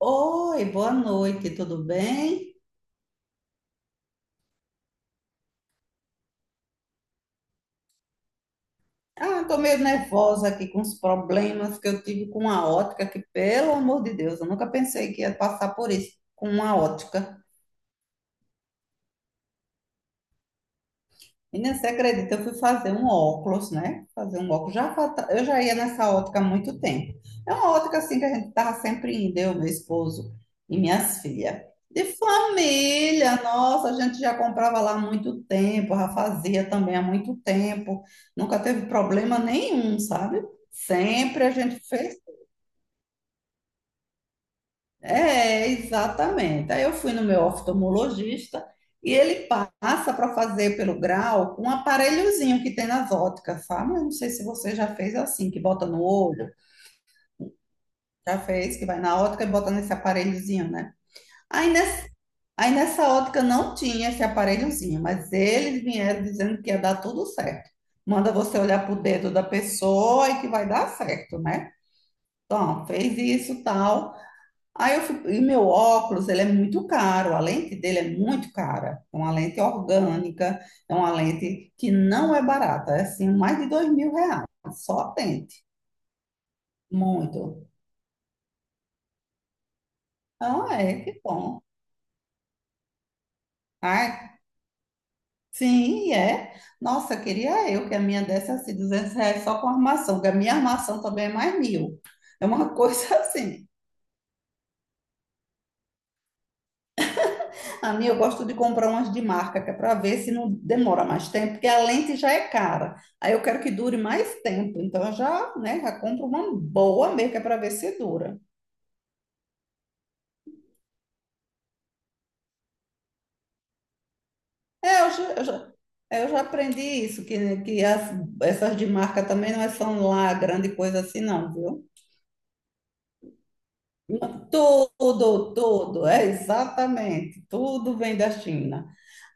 Oi, boa noite, tudo bem? Ah, tô meio nervosa aqui com os problemas que eu tive com a ótica, que pelo amor de Deus, eu nunca pensei que ia passar por isso com uma ótica. Menina, você acredita? Eu fui fazer um óculos, né? Fazer um óculos. Eu já ia nessa ótica há muito tempo. É uma ótica assim que a gente tava sempre indo, eu, meu esposo e minhas filhas. De família, nossa, a gente já comprava lá há muito tempo, já fazia também há muito tempo. Nunca teve problema nenhum, sabe? Sempre a gente fez é, exatamente. Aí eu fui no meu oftalmologista e ele passa para fazer pelo grau um aparelhozinho que tem nas óticas, sabe? Eu não sei se você já fez assim, que bota no olho, já fez, que vai na ótica e bota nesse aparelhozinho, né? Aí nessa, aí nessa ótica não tinha esse aparelhozinho, mas eles vieram dizendo que ia dar tudo certo. Manda você olhar pro dedo da pessoa e que vai dar certo, né? Então, fez isso, tal. Aí eu fui, e meu óculos, ele é muito caro, a lente dele é muito cara. É uma lente orgânica, é uma lente que não é barata, é assim, mais de R$ 2.000, só a lente, muito. Ah, é, que bom. Ah, sim, é. Nossa, queria eu que a minha desse assim, R$ 200 só com armação, porque a minha armação também é mais mil. É uma coisa assim. A minha eu gosto de comprar umas de marca, que é para ver se não demora mais tempo, porque a lente já é cara. Aí eu quero que dure mais tempo, então eu já, né, já compro uma boa mesmo, que é para ver se dura. É, eu já, eu já, eu já aprendi isso, essas de marca também não é- são lá grande coisa assim, não, viu? Tudo, tudo, é exatamente, tudo vem da China.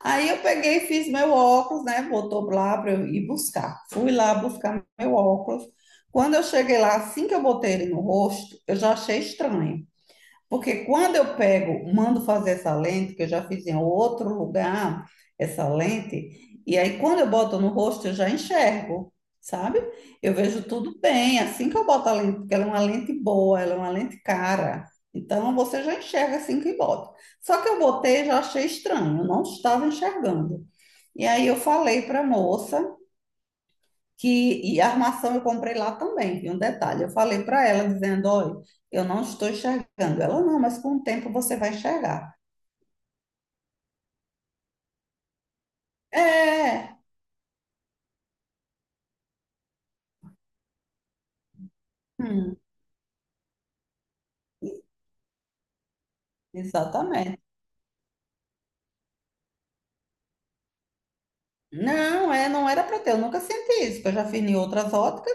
Aí eu peguei, e fiz meu óculos, né? Voltou lá para eu ir buscar. Fui lá buscar meu óculos. Quando eu cheguei lá, assim que eu botei ele no rosto, eu já achei estranho. Porque quando eu pego, mando fazer essa lente, que eu já fiz em outro lugar, essa lente, e aí quando eu boto no rosto, eu já enxergo, sabe? Eu vejo tudo bem, assim que eu boto a lente, porque ela é uma lente boa, ela é uma lente cara. Então você já enxerga assim que bota. Só que eu botei e já achei estranho, eu não estava enxergando. E aí eu falei para a moça, que e a armação eu comprei lá também. E um detalhe, eu falei para ela dizendo, olha, eu não estou enxergando. Ela não, mas com o tempo você vai enxergar. É, hum, exatamente. Não, é, não era para ter. Eu nunca senti isso, que eu já fiz em outras óticas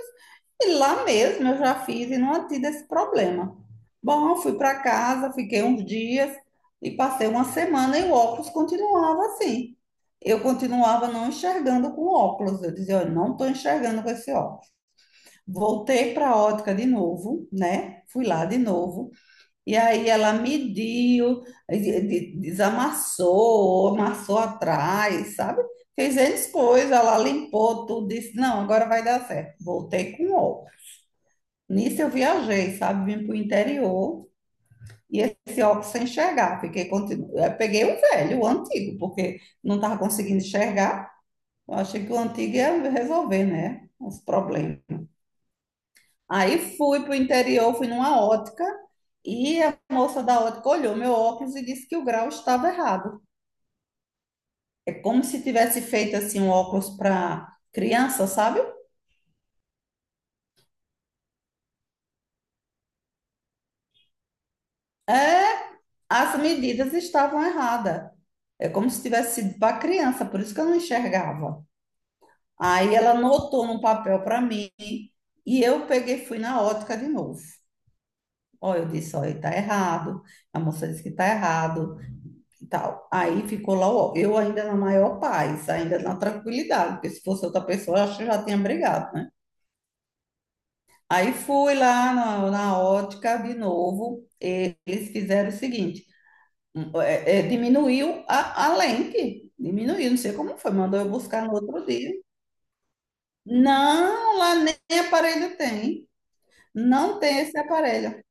e lá mesmo eu já fiz e não tive esse problema. Bom, fui para casa, fiquei uns dias e passei uma semana e o óculos continuava assim. Eu continuava não enxergando com o óculos. Eu dizia, olha, não estou enxergando com esse óculos. Voltei para a ótica de novo, né? Fui lá de novo. E aí ela mediu, desamassou, amassou atrás, sabe? Fez N coisas, ela limpou tudo, disse, não, agora vai dar certo. Voltei com óculos. Nisso eu viajei, sabe? Vim para o interior e esse óculos sem enxergar. Fiquei, eu peguei o velho, o antigo, porque não estava conseguindo enxergar. Eu achei que o antigo ia resolver, né? Os problemas. Aí fui para o interior, fui numa ótica e a moça da ótica olhou meu óculos e disse que o grau estava errado. É como se tivesse feito assim um óculos para criança, sabe? É, as medidas estavam erradas. É como se tivesse sido para criança, por isso que eu não enxergava. Aí ela anotou num papel para mim e eu peguei, e fui na ótica de novo. Ó, eu disse, olha, tá errado. A moça disse que tá errado. E tal. Aí ficou lá, ó, eu ainda na maior paz, ainda na tranquilidade, porque se fosse outra pessoa, eu acho que já tinha brigado, né? Aí fui lá na ótica de novo, eles fizeram o seguinte, diminuiu a lente, diminuiu, não sei como foi, mandou eu buscar no outro dia. Não, lá nem aparelho tem, não tem esse aparelho.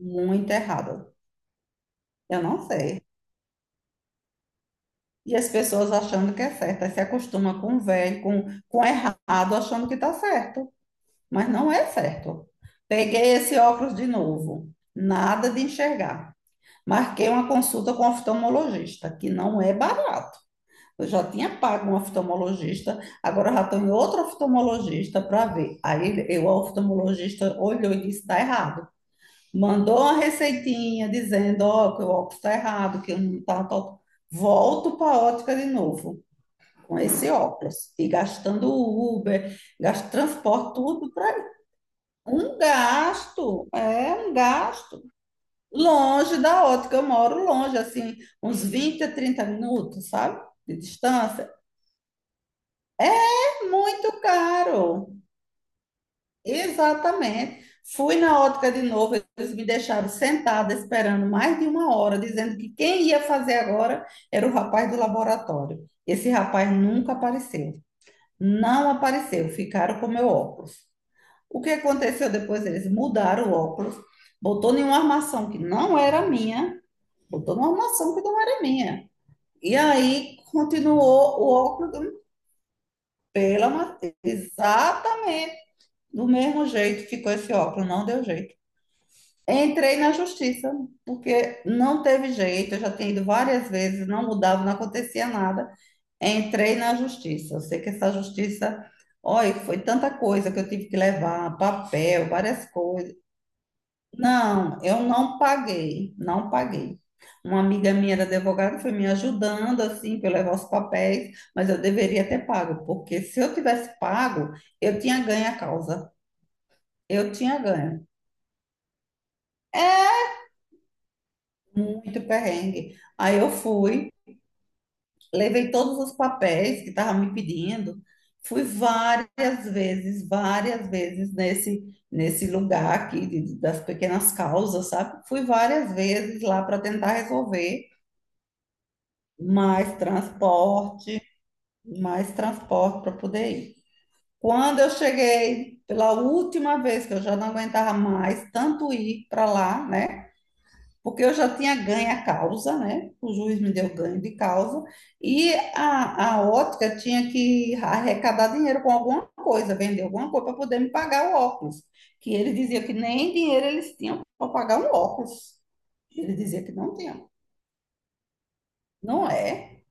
Muito errado, eu não sei. E as pessoas achando que é certo, aí se acostuma com o velho, com o errado, achando que está certo, mas não é certo. Peguei esse óculos de novo, nada de enxergar. Marquei uma consulta com o oftalmologista, que não é barato. Eu já tinha pago um oftalmologista, agora eu já estou em outro oftalmologista para ver. Aí eu, o oftalmologista olhou e disse: está errado. Mandou uma receitinha dizendo: ó, que o óculos está errado, que eu não está. Volto para a ótica de novo com esse óculos e gastando Uber, gasto transporte, tudo para um gasto, é um gasto longe da ótica. Eu moro longe, assim, uns 20 a 30 minutos, sabe? De distância. É muito caro. Exatamente. Fui na ótica de novo, eles me deixaram sentada esperando mais de uma hora, dizendo que quem ia fazer agora era o rapaz do laboratório. Esse rapaz nunca apareceu. Não apareceu, ficaram com meu óculos. O que aconteceu depois? Eles mudaram o óculos, botou em uma armação que não era minha, botou numa armação que não era minha. E aí continuou o óculos exatamente do mesmo jeito ficou esse óculos, não deu jeito. Entrei na justiça, porque não teve jeito, eu já tinha ido várias vezes, não mudava, não acontecia nada. Entrei na justiça. Eu sei que essa justiça, olha, foi tanta coisa que eu tive que levar, papel, várias coisas. Não, eu não paguei, não paguei. Uma amiga minha era advogada, foi me ajudando assim para eu levar os papéis, mas eu deveria ter pago, porque se eu tivesse pago, eu tinha ganho a causa. Eu tinha ganho. É muito perrengue. Aí eu fui, levei todos os papéis que estavam me pedindo, fui várias vezes, várias nesse lugar aqui de- das pequenas causas, sabe? Fui várias vezes lá para tentar resolver. Mais transporte, mais transporte para poder ir. Quando eu cheguei, pela última vez que eu já não aguentava mais tanto ir para lá, né? Porque eu já tinha ganho a causa, né? O juiz me deu ganho de causa e a ótica tinha que arrecadar dinheiro com alguma coisa, vender alguma coisa para poder me pagar o óculos, que ele dizia que nem dinheiro eles tinham para pagar um óculos. Ele dizia que não tinha. Não é?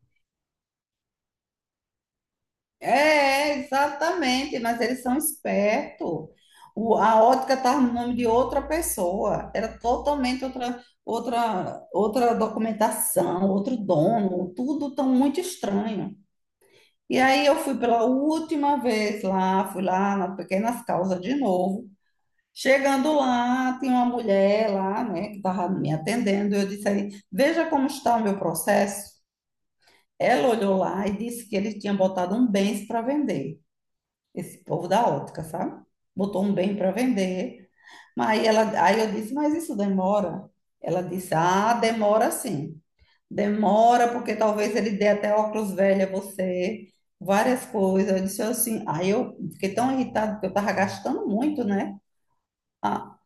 É, exatamente, mas eles são espertos. A ótica estava no nome de outra pessoa, era totalmente outra documentação, outro dono, tudo tão muito estranho. E aí eu fui pela última vez lá, fui lá na Pequenas Causas de novo. Chegando lá, tinha uma mulher lá, né, que estava me atendendo. Eu disse aí, veja como está o meu processo. Ela olhou lá e disse que ele tinha botado um bens para vender esse povo da ótica, sabe? Botou um bem para vender. Mas aí eu disse, mas isso demora? Ela disse, ah, demora sim. Demora porque talvez ele dê até óculos velho a você, várias coisas. Eu disse assim, aí eu fiquei tão irritada porque eu estava gastando muito, né? Ah,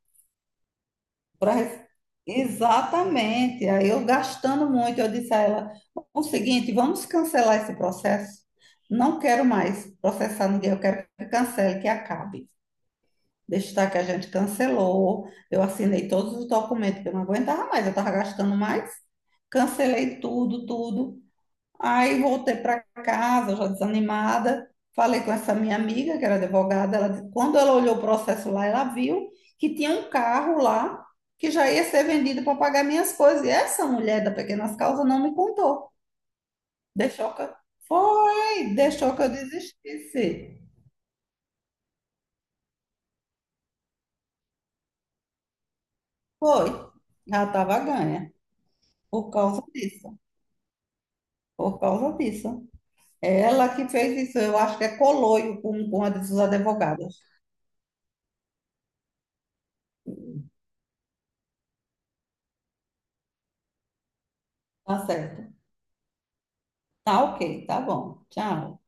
pra... rece- exatamente. Aí eu gastando muito, eu disse a ela, o seguinte, vamos cancelar esse processo. Não quero mais processar ninguém, eu quero que cancele, que acabe. Destaque que a gente cancelou. Eu assinei todos os documentos, porque eu não aguentava mais, eu estava gastando mais. Cancelei tudo, tudo. Aí voltei para casa, já desanimada. Falei com essa minha amiga, que era advogada. Quando ela olhou o processo lá, ela viu que tinha um carro lá que já ia ser vendido para pagar minhas coisas. E essa mulher da Pequenas Causas não me contou. Deixou que eu... Foi, deixou que eu desistisse. Foi, já estava ganha por causa disso. Por causa disso. É ela que fez isso, eu acho que é coloio com uma dessas advogadas. Tá certo. Tá ok, tá bom. Tchau.